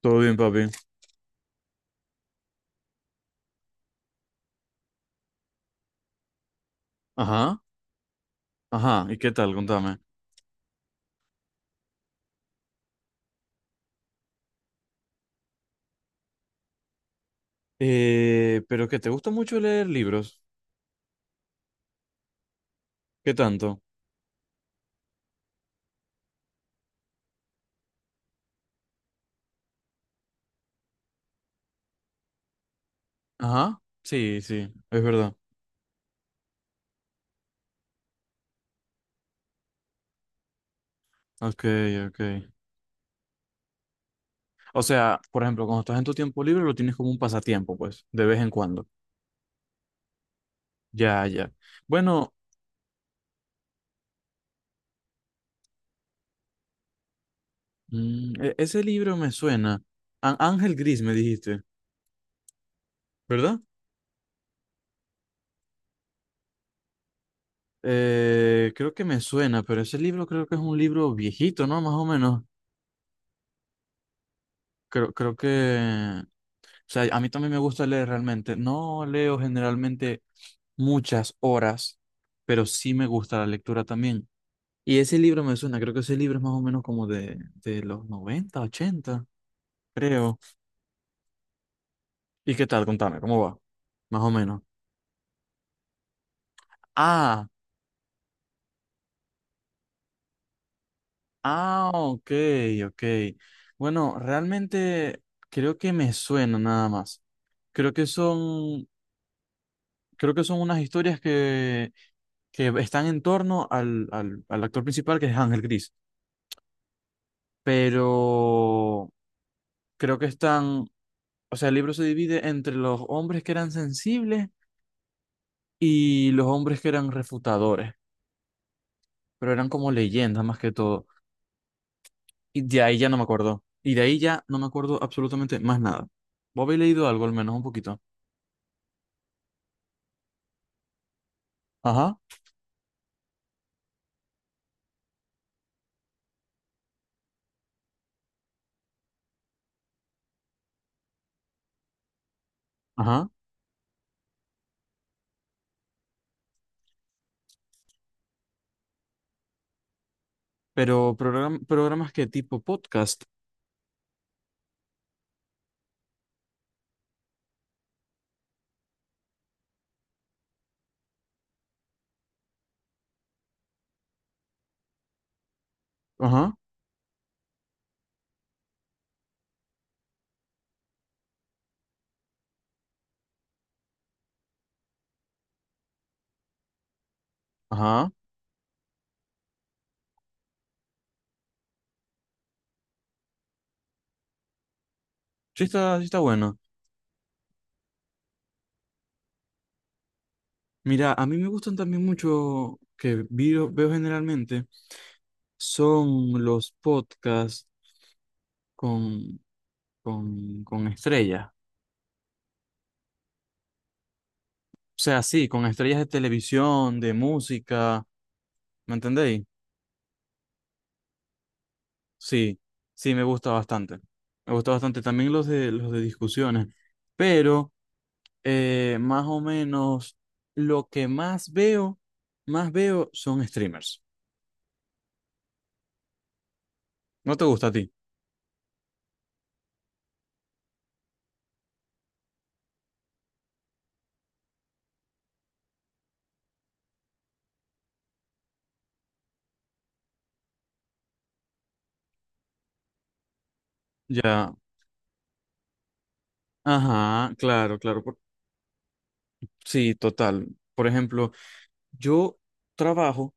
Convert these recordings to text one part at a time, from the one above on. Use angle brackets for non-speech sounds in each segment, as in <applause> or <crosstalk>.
Todo bien, papi. Ajá, ajá. ¿Y qué tal? Contame. Pero que te gusta mucho leer libros. ¿Qué tanto? Ajá, sí, sí, es verdad. Ok, ok. O sea, por ejemplo, cuando estás en tu tiempo libre lo tienes como un pasatiempo, pues, de vez en cuando. Ya, ya. Bueno, ese libro me suena. Ángel Gris me dijiste, ¿verdad? Creo que me suena, pero ese libro creo que es un libro viejito, ¿no? Más o menos. Creo que, o sea, a mí también me gusta leer realmente. No leo generalmente muchas horas, pero sí me gusta la lectura también. Y ese libro me suena, creo que ese libro es más o menos como de los 90 80 creo. ¿Y qué tal? Contame, ¿cómo va? Más o menos. Ah, ah, ok, ok. Bueno, realmente creo que me suena nada más. Creo que son creo que son unas historias que están en torno al actor principal, que es Ángel Gris. Pero creo que están, o sea, el libro se divide entre los hombres que eran sensibles y los hombres que eran refutadores, pero eran como leyendas más que todo. Y de ahí ya no me acuerdo. Y de ahí ya no me acuerdo absolutamente más nada. ¿Vos habéis leído algo, al menos un poquito? Ajá, ajá. Pero programas que tipo podcast. Ajá, ajá. Sí está bueno. Mira, a mí me gustan también mucho, que veo generalmente, son los podcasts con, con estrellas. O sea, sí, con estrellas de televisión, de música, ¿me entendéis? Sí, sí, me gusta bastante. Me gusta bastante también los de discusiones. Pero más o menos lo que más veo son streamers. ¿No te gusta a ti? Ya. Ajá, claro, claro. Sí, total. Por ejemplo, yo trabajo,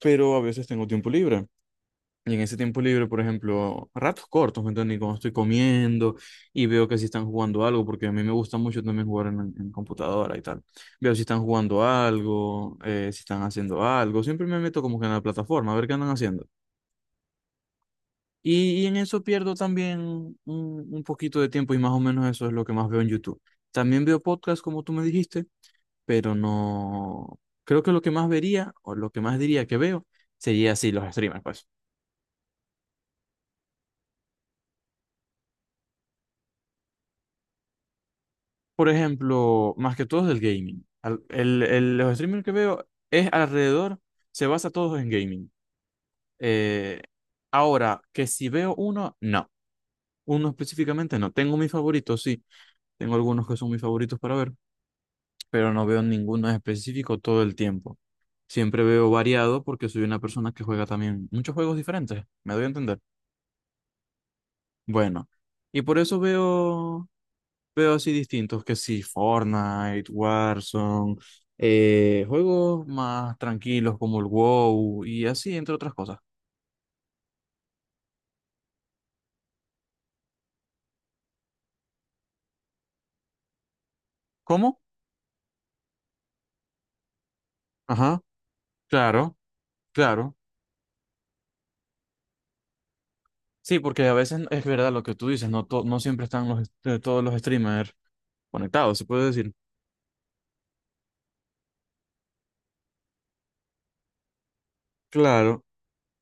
pero a veces tengo tiempo libre. Y en ese tiempo libre, por ejemplo, ratos cortos, ¿me entiendes? Y cuando estoy comiendo y veo que si están jugando algo, porque a mí me gusta mucho también jugar en computadora y tal. Veo si están jugando algo, si están haciendo algo. Siempre me meto como que en la plataforma a ver qué andan haciendo. Y en eso pierdo también un poquito de tiempo y más o menos eso es lo que más veo en YouTube. También veo podcasts, como tú me dijiste, pero no. Creo que lo que más vería o lo que más diría que veo sería así los streamers, pues. Por ejemplo, más que todos del gaming. Los streamers que veo es alrededor, se basa todos en gaming. Eh, ahora, que si veo uno, no. Uno específicamente no. Tengo mis favoritos, sí. Tengo algunos que son mis favoritos para ver, pero no veo ninguno en específico todo el tiempo. Siempre veo variado porque soy una persona que juega también muchos juegos diferentes, me doy a entender. Bueno, y por eso veo así distintos, que sí, Fortnite, Warzone, juegos más tranquilos como el WoW y así, entre otras cosas. ¿Cómo? Ajá, claro, claro. Sí, porque a veces es verdad lo que tú dices, no, no siempre están todos los streamers conectados, se puede decir. Claro.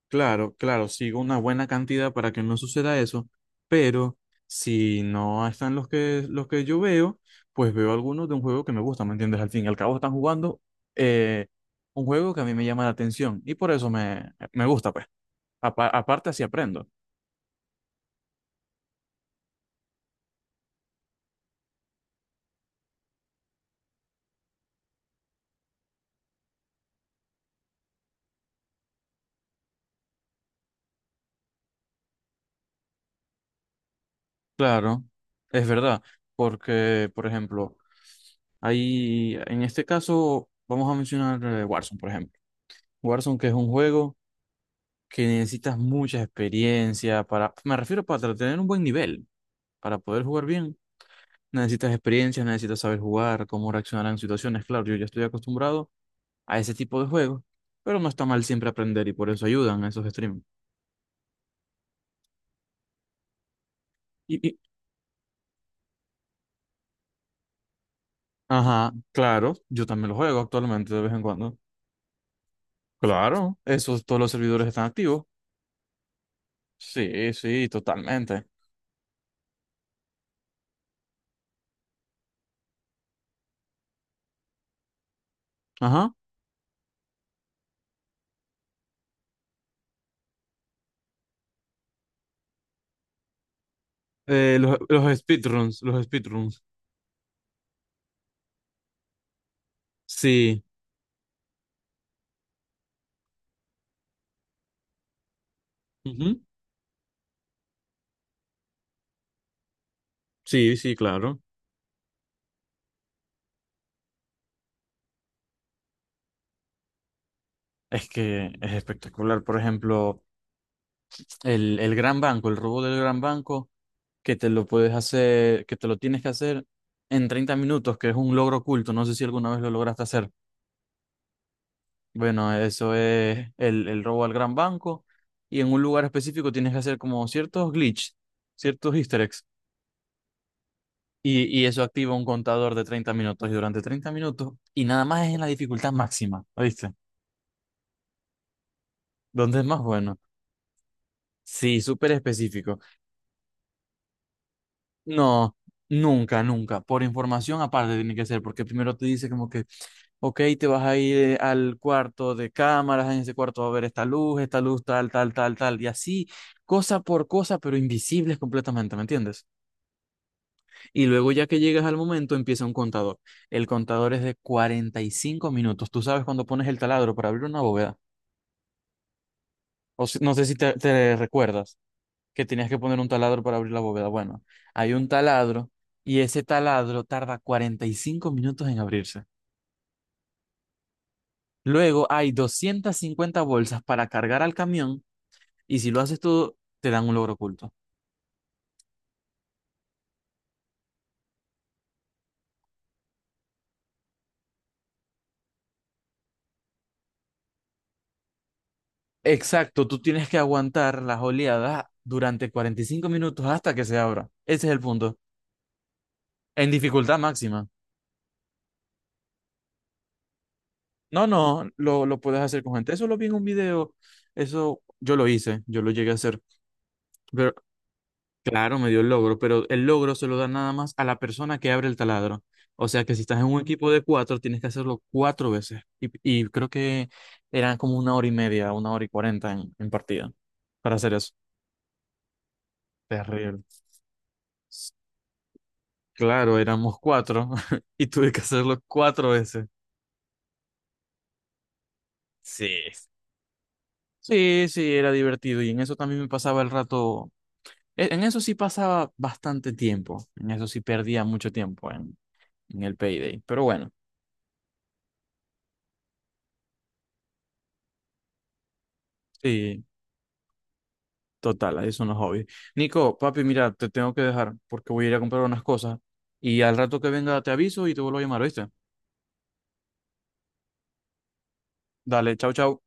Claro, claro, sigo una buena cantidad para que no suceda eso, pero si no están los que yo veo, pues veo algunos de un juego que me gusta, ¿me entiendes? Al fin y al cabo están jugando eh, un juego que a mí me llama la atención y por eso me, me gusta, pues. Aparte así aprendo. Claro, es verdad, porque, por ejemplo, ahí, en este caso, vamos a mencionar Warzone, por ejemplo. Warzone que es un juego que necesitas mucha experiencia para, me refiero para tener un buen nivel. Para poder jugar bien, necesitas experiencia, necesitas saber jugar, cómo reaccionar en situaciones. Claro, yo ya estoy acostumbrado a ese tipo de juegos, pero no está mal siempre aprender y por eso ayudan esos streams. Y, y- ajá, claro, yo también lo juego actualmente de vez en cuando. Claro, esos todos los servidores están activos. Sí, sí, totalmente. Ajá. Los speedruns, los speedruns. Sí. Ujú. Sí, sí, claro. Es que es espectacular. Por ejemplo. El gran banco, el robo del gran banco, que te lo puedes hacer, que te lo tienes que hacer en 30 minutos, que es un logro oculto. No sé si alguna vez lo lograste hacer. Bueno, eso es el robo al gran banco. Y en un lugar específico tienes que hacer como ciertos glitches, ciertos easter eggs. Y eso activa un contador de 30 minutos. Y durante 30 minutos, y nada más es en la dificultad máxima, ¿oíste? Donde es más bueno. Sí, súper específico. No, nunca, nunca. Por información aparte tiene que ser, porque primero te dice como que, ok, te vas a ir al cuarto de cámaras, en ese cuarto va a haber esta luz, tal, tal, tal, tal, y así, cosa por cosa, pero invisibles completamente, ¿me entiendes? Y luego ya que llegas al momento empieza un contador. El contador es de 45 minutos. Tú sabes cuando pones el taladro para abrir una bóveda. O no sé si te recuerdas. Que tenías que poner un taladro para abrir la bóveda. Bueno, hay un taladro y ese taladro tarda 45 minutos en abrirse. Luego hay 250 bolsas para cargar al camión y si lo haces tú, te dan un logro oculto. Exacto, tú tienes que aguantar las oleadas durante 45 minutos hasta que se abra. Ese es el punto. En dificultad máxima. No, no, lo puedes hacer con gente. Eso lo vi en un video. Eso yo lo hice, yo lo llegué a hacer. Pero claro, me dio el logro, pero el logro se lo da nada más a la persona que abre el taladro. O sea que si estás en un equipo de cuatro, tienes que hacerlo cuatro veces. Y creo que eran como una hora y media, una hora y cuarenta en partida para hacer eso. Terrible. S- Claro, éramos cuatro <laughs> y tuve que hacerlo cuatro veces. Sí. Sí, sí, era divertido y en eso también me pasaba el rato. En eso sí pasaba bastante tiempo. En eso sí perdía mucho tiempo en, el payday. Pero bueno, sí. Total, ahí son los hobbies. Nico, papi, mira, te tengo que dejar porque voy a ir a comprar unas cosas y al rato que venga te aviso y te vuelvo a llamar, ¿viste? Dale, chau, chau.